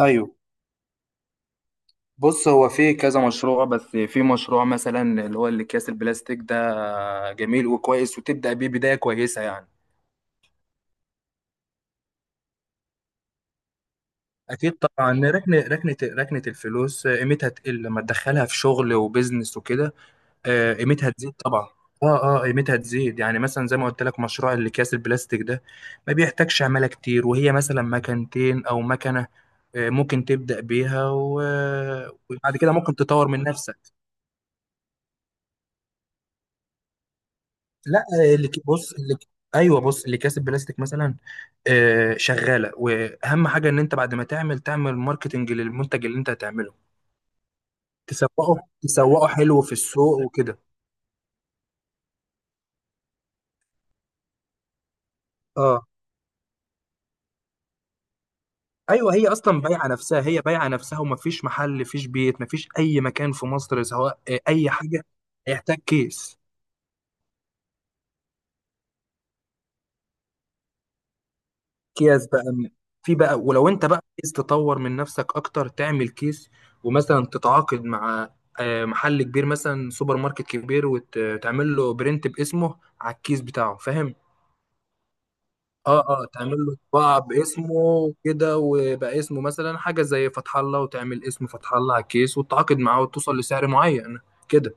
ايوه، بص هو في كذا مشروع، بس في مشروع مثلا اللي هو الاكياس البلاستيك ده جميل وكويس وتبدا بيه بدايه كويسه يعني. اكيد طبعا، ركنه ركنه ركنه الفلوس قيمتها تقل لما تدخلها في شغل وبزنس وكده. قيمتها تزيد طبعا. اه، اه، قيمتها تزيد، يعني مثلا زي ما قلت لك مشروع الاكياس البلاستيك ده ما بيحتاجش عماله كتير، وهي مثلا مكانتين او مكنه. ممكن تبدا بيها وبعد كده ممكن تطور من نفسك. لا، بص، ايوه، بص اللي كاسب بلاستيك مثلا. شغاله، واهم حاجه ان انت بعد ما تعمل، تعمل ماركتنج للمنتج اللي انت هتعمله. تسوقه، تسوقه حلو في السوق وكده. اه، ايوه، هي اصلا بايعه نفسها، هي بايعه نفسها، ومفيش محل، مفيش بيت، مفيش اي مكان في مصر، سواء اي حاجه هيحتاج كيس. اكياس بقى في بقى، ولو انت بقى عايز تطور من نفسك اكتر تعمل كيس ومثلا تتعاقد مع محل كبير، مثلا سوبر ماركت كبير، وتعمل له برنت باسمه على الكيس بتاعه، فاهم؟ اه، اه، تعمل له طباعة باسمه كده، ويبقى اسمه مثلا حاجة زي فتح الله، وتعمل اسم فتح الله على الكيس وتتعاقد معاه وتوصل لسعر معين كده.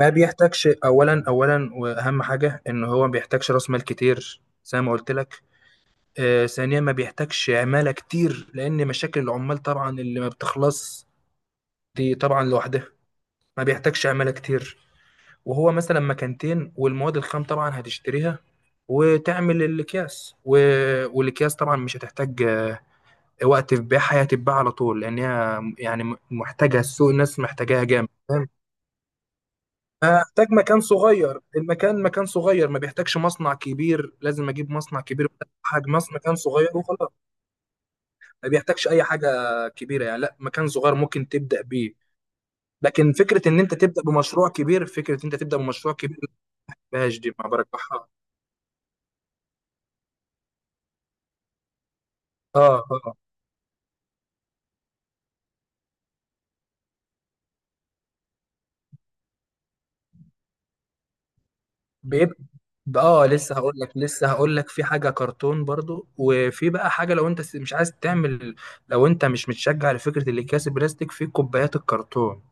ما بيحتاجش، اولا اولا واهم حاجة ان هو ما بيحتاجش راس مال كتير زي ما قلت لك. ثانيا، ما بيحتاجش عمالة كتير، لأن مشاكل العمال طبعا اللي ما بتخلص دي طبعا لوحدها. ما بيحتاجش عمالة كتير، وهو مثلا مكانتين، والمواد الخام طبعا هتشتريها وتعمل الأكياس والأكياس طبعا مش هتحتاج وقت في بيعها، هي هتتباع على طول، لأن هي يعني محتاجة السوق، الناس محتاجاها جامد، فاهم؟ هحتاج مكان صغير، المكان مكان صغير، ما بيحتاجش مصنع كبير لازم أجيب مصنع كبير. حجم مصنع مكان صغير وخلاص. ما بيحتاجش اي حاجه كبيره يعني، لا، مكان صغير ممكن تبدا بيه. لكن فكره ان انت تبدا بمشروع كبير، فكره ان انت تبدا بمشروع كبير، لا، مفيهاش دي ما برجحها. اه، اه، بيبقى. لسه هقول لك في حاجه كرتون برضو، وفي بقى حاجه لو انت مش عايز تعمل، لو انت مش متشجع لفكره الاكياس البلاستيك في كوبايات الكرتون.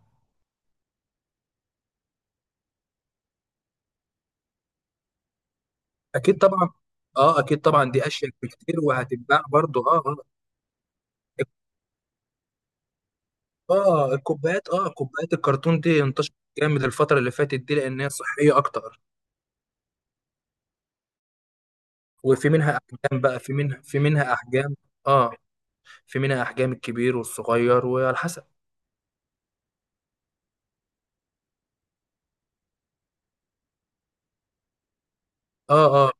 اكيد طبعا. اه، اكيد طبعا دي اشيك بكتير، وهتتباع برضو. اه. آه. اه الكوبايات اه كوبايات الكرتون دي انتشرت جامد الفترة اللي فاتت دي لأنها صحية أكتر. وفي منها أحجام بقى، في منها أحجام. اه، في منها أحجام، الكبير والصغير وعلى حسب. اه، اه،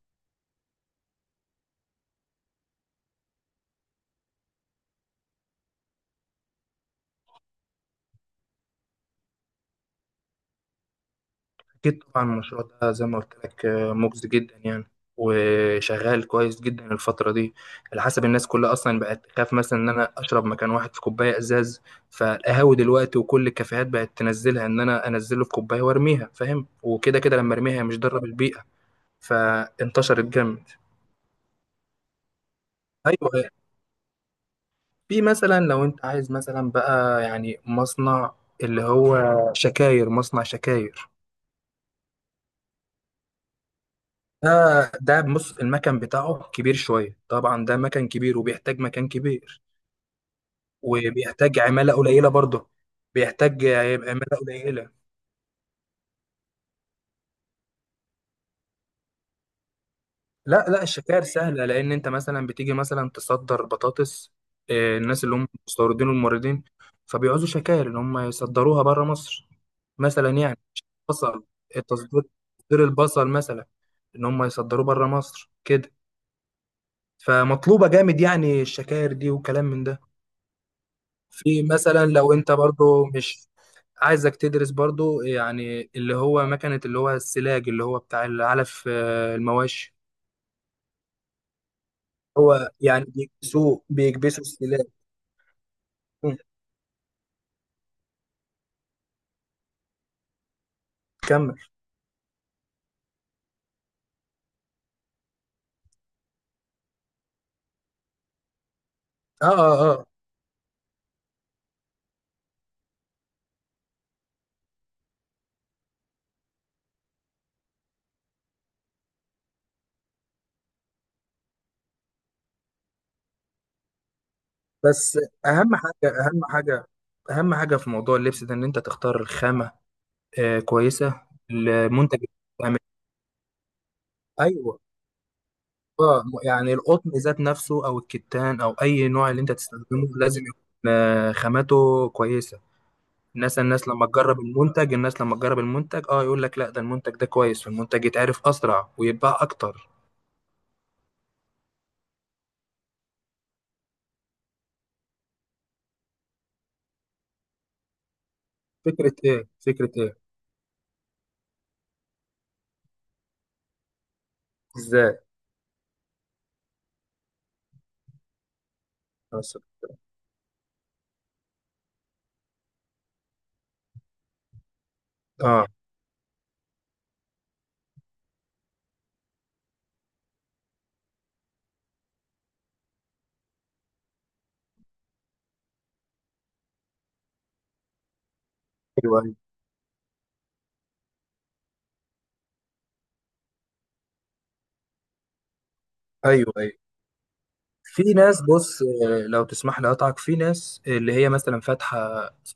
أكيد طبعا، المشروع ده زي ما قلت لك مجزي جدا يعني، وشغال كويس جدا الفترة دي. على حسب الناس كلها أصلا بقت تخاف مثلا إن أنا أشرب مكان واحد في كوباية إزاز، فالقهاوي دلوقتي وكل الكافيهات بقت تنزلها إن أنا أنزله في كوباية وأرميها، فاهم؟ وكده كده لما أرميها هي مش ضارة بالبيئة، فانتشرت جامد. ايوه. في مثلا لو انت عايز مثلا بقى يعني مصنع، اللي هو شكاير، مصنع شكاير. ده ده بص المكن بتاعه كبير شويه طبعا، ده مكن كبير وبيحتاج مكان كبير، وبيحتاج عماله قليله برضه، بيحتاج عماله قليله. لا، لا، الشكاير سهلة، لأن أنت مثلا بتيجي مثلا تصدر بطاطس، الناس اللي هم مستوردين والموردين، فبيعوزوا شكاير إن هم يصدروها بره مصر، مثلا يعني. بصل، تصدير، تصدير البصل مثلا، إن هم يصدروه بره مصر كده. فمطلوبة جامد يعني الشكاير دي وكلام من ده. في مثلا لو أنت برضو مش عايزك تدرس برضو، يعني اللي هو مكنة، اللي هو السلاج، اللي هو بتاع العلف المواشي، هو يعني بيكبسوه، بيكبسوا السلاح. مم. كمل. اه، اه، اه، بس اهم حاجه، اهم حاجه، اهم حاجه في موضوع اللبس ده ان انت تختار الخامه كويسه. المنتج اللي بتعمل. ايوه. اه، يعني القطن ذات نفسه، او الكتان، او اي نوع اللي انت تستخدمه لازم يكون خامته كويسه. الناس لما تجرب المنتج، الناس لما تجرب المنتج، اه، يقول لك لا ده المنتج ده كويس، والمنتج يتعرف اسرع ويتباع اكتر. فكره ايه؟ فكره ايه؟ ازاي؟ بس. اه، ايوه، ايوه، ايوه، ايوه، في ناس، بص، لو تسمح لي اقطعك، في ناس اللي هي مثلا فاتحه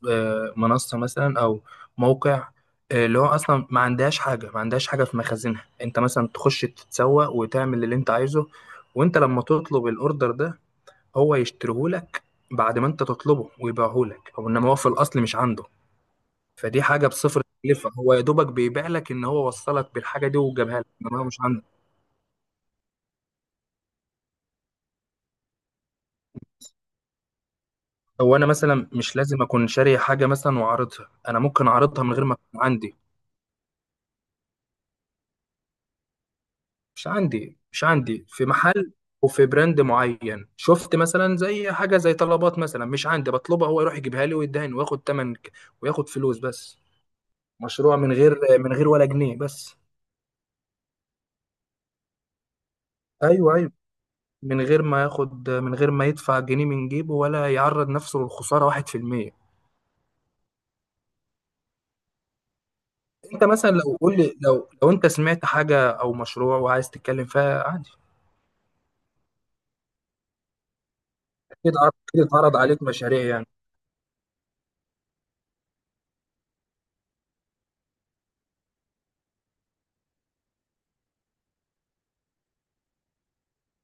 منصه مثلا، او موقع اللي هو اصلا ما عندهاش حاجه، ما عندهاش حاجه في مخازنها. انت مثلا تخش تتسوق وتعمل اللي انت عايزه، وانت لما تطلب الاوردر ده هو يشتريهولك بعد ما انت تطلبه، ويبيعهولك، هو انما هو في الاصل مش عنده. فدي حاجه بصفر تكلفه، هو يا دوبك بيبيع لك ان هو وصلك بالحاجه دي وجابها لك، انما هو مش عنده. هو انا مثلا مش لازم اكون شاري حاجه مثلا واعرضها، انا ممكن اعرضها من غير ما تكون عندي. مش عندي، مش عندي في محل، وفي براند معين شفت مثلا، زي حاجه زي طلبات مثلا، مش عندي، بطلبها، هو يروح يجيبها لي ويدهن وياخد تمن وياخد فلوس بس. مشروع من غير، من غير ولا جنيه، بس. ايوه، ايوه، من غير ما ياخد، من غير ما يدفع جنيه من جيبه، ولا يعرض نفسه للخساره 1%. انت مثلا لو قول لي، لو انت سمعت حاجه او مشروع وعايز تتكلم فيها عادي. اكيد اكيد اتعرض عليك مشاريع يعني.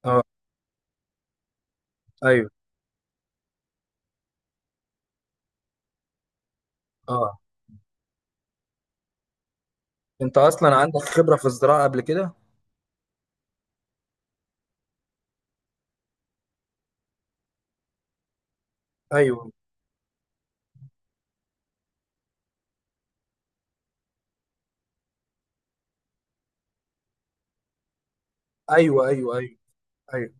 اه. ايوه. اه، انت اصلا عندك خبرة في الزراعة قبل كده؟ ايوه، ايوه، ايوه، ايوه، ايوه،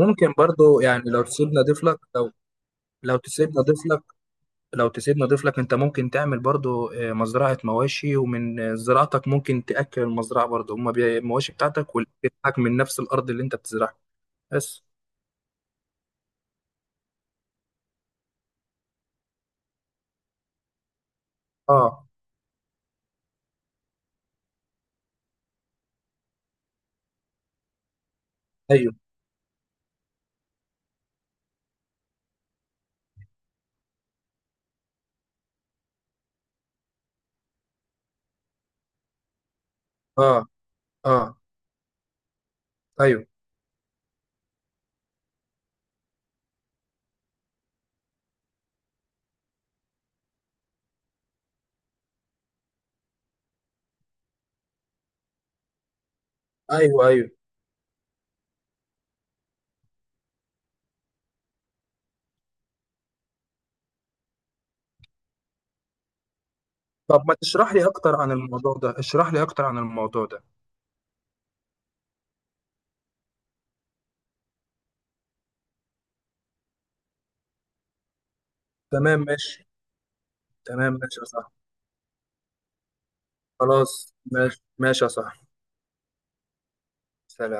ممكن برضو يعني لو تسيبنا اضيف لك، لو، لو تسيبنا اضيف لك، لو تسيبنا اضيف لك، انت ممكن تعمل برضو مزرعة مواشي، ومن زراعتك ممكن تأكل المزرعة برضو، هما المواشي بتاعتك، والأكل بتاعك من نفس الارض اللي انت بتزرعها. بس. اه، ايوه، اه، اه، ايوه، ايوه، ايوه، طب ما تشرح لي اكتر عن الموضوع ده، اشرح لي اكتر عن الموضوع ده. تمام، ماشي. تمام، ماشي يا صاحبي، خلاص، ماشي ماشي يا صاحبي. سلام.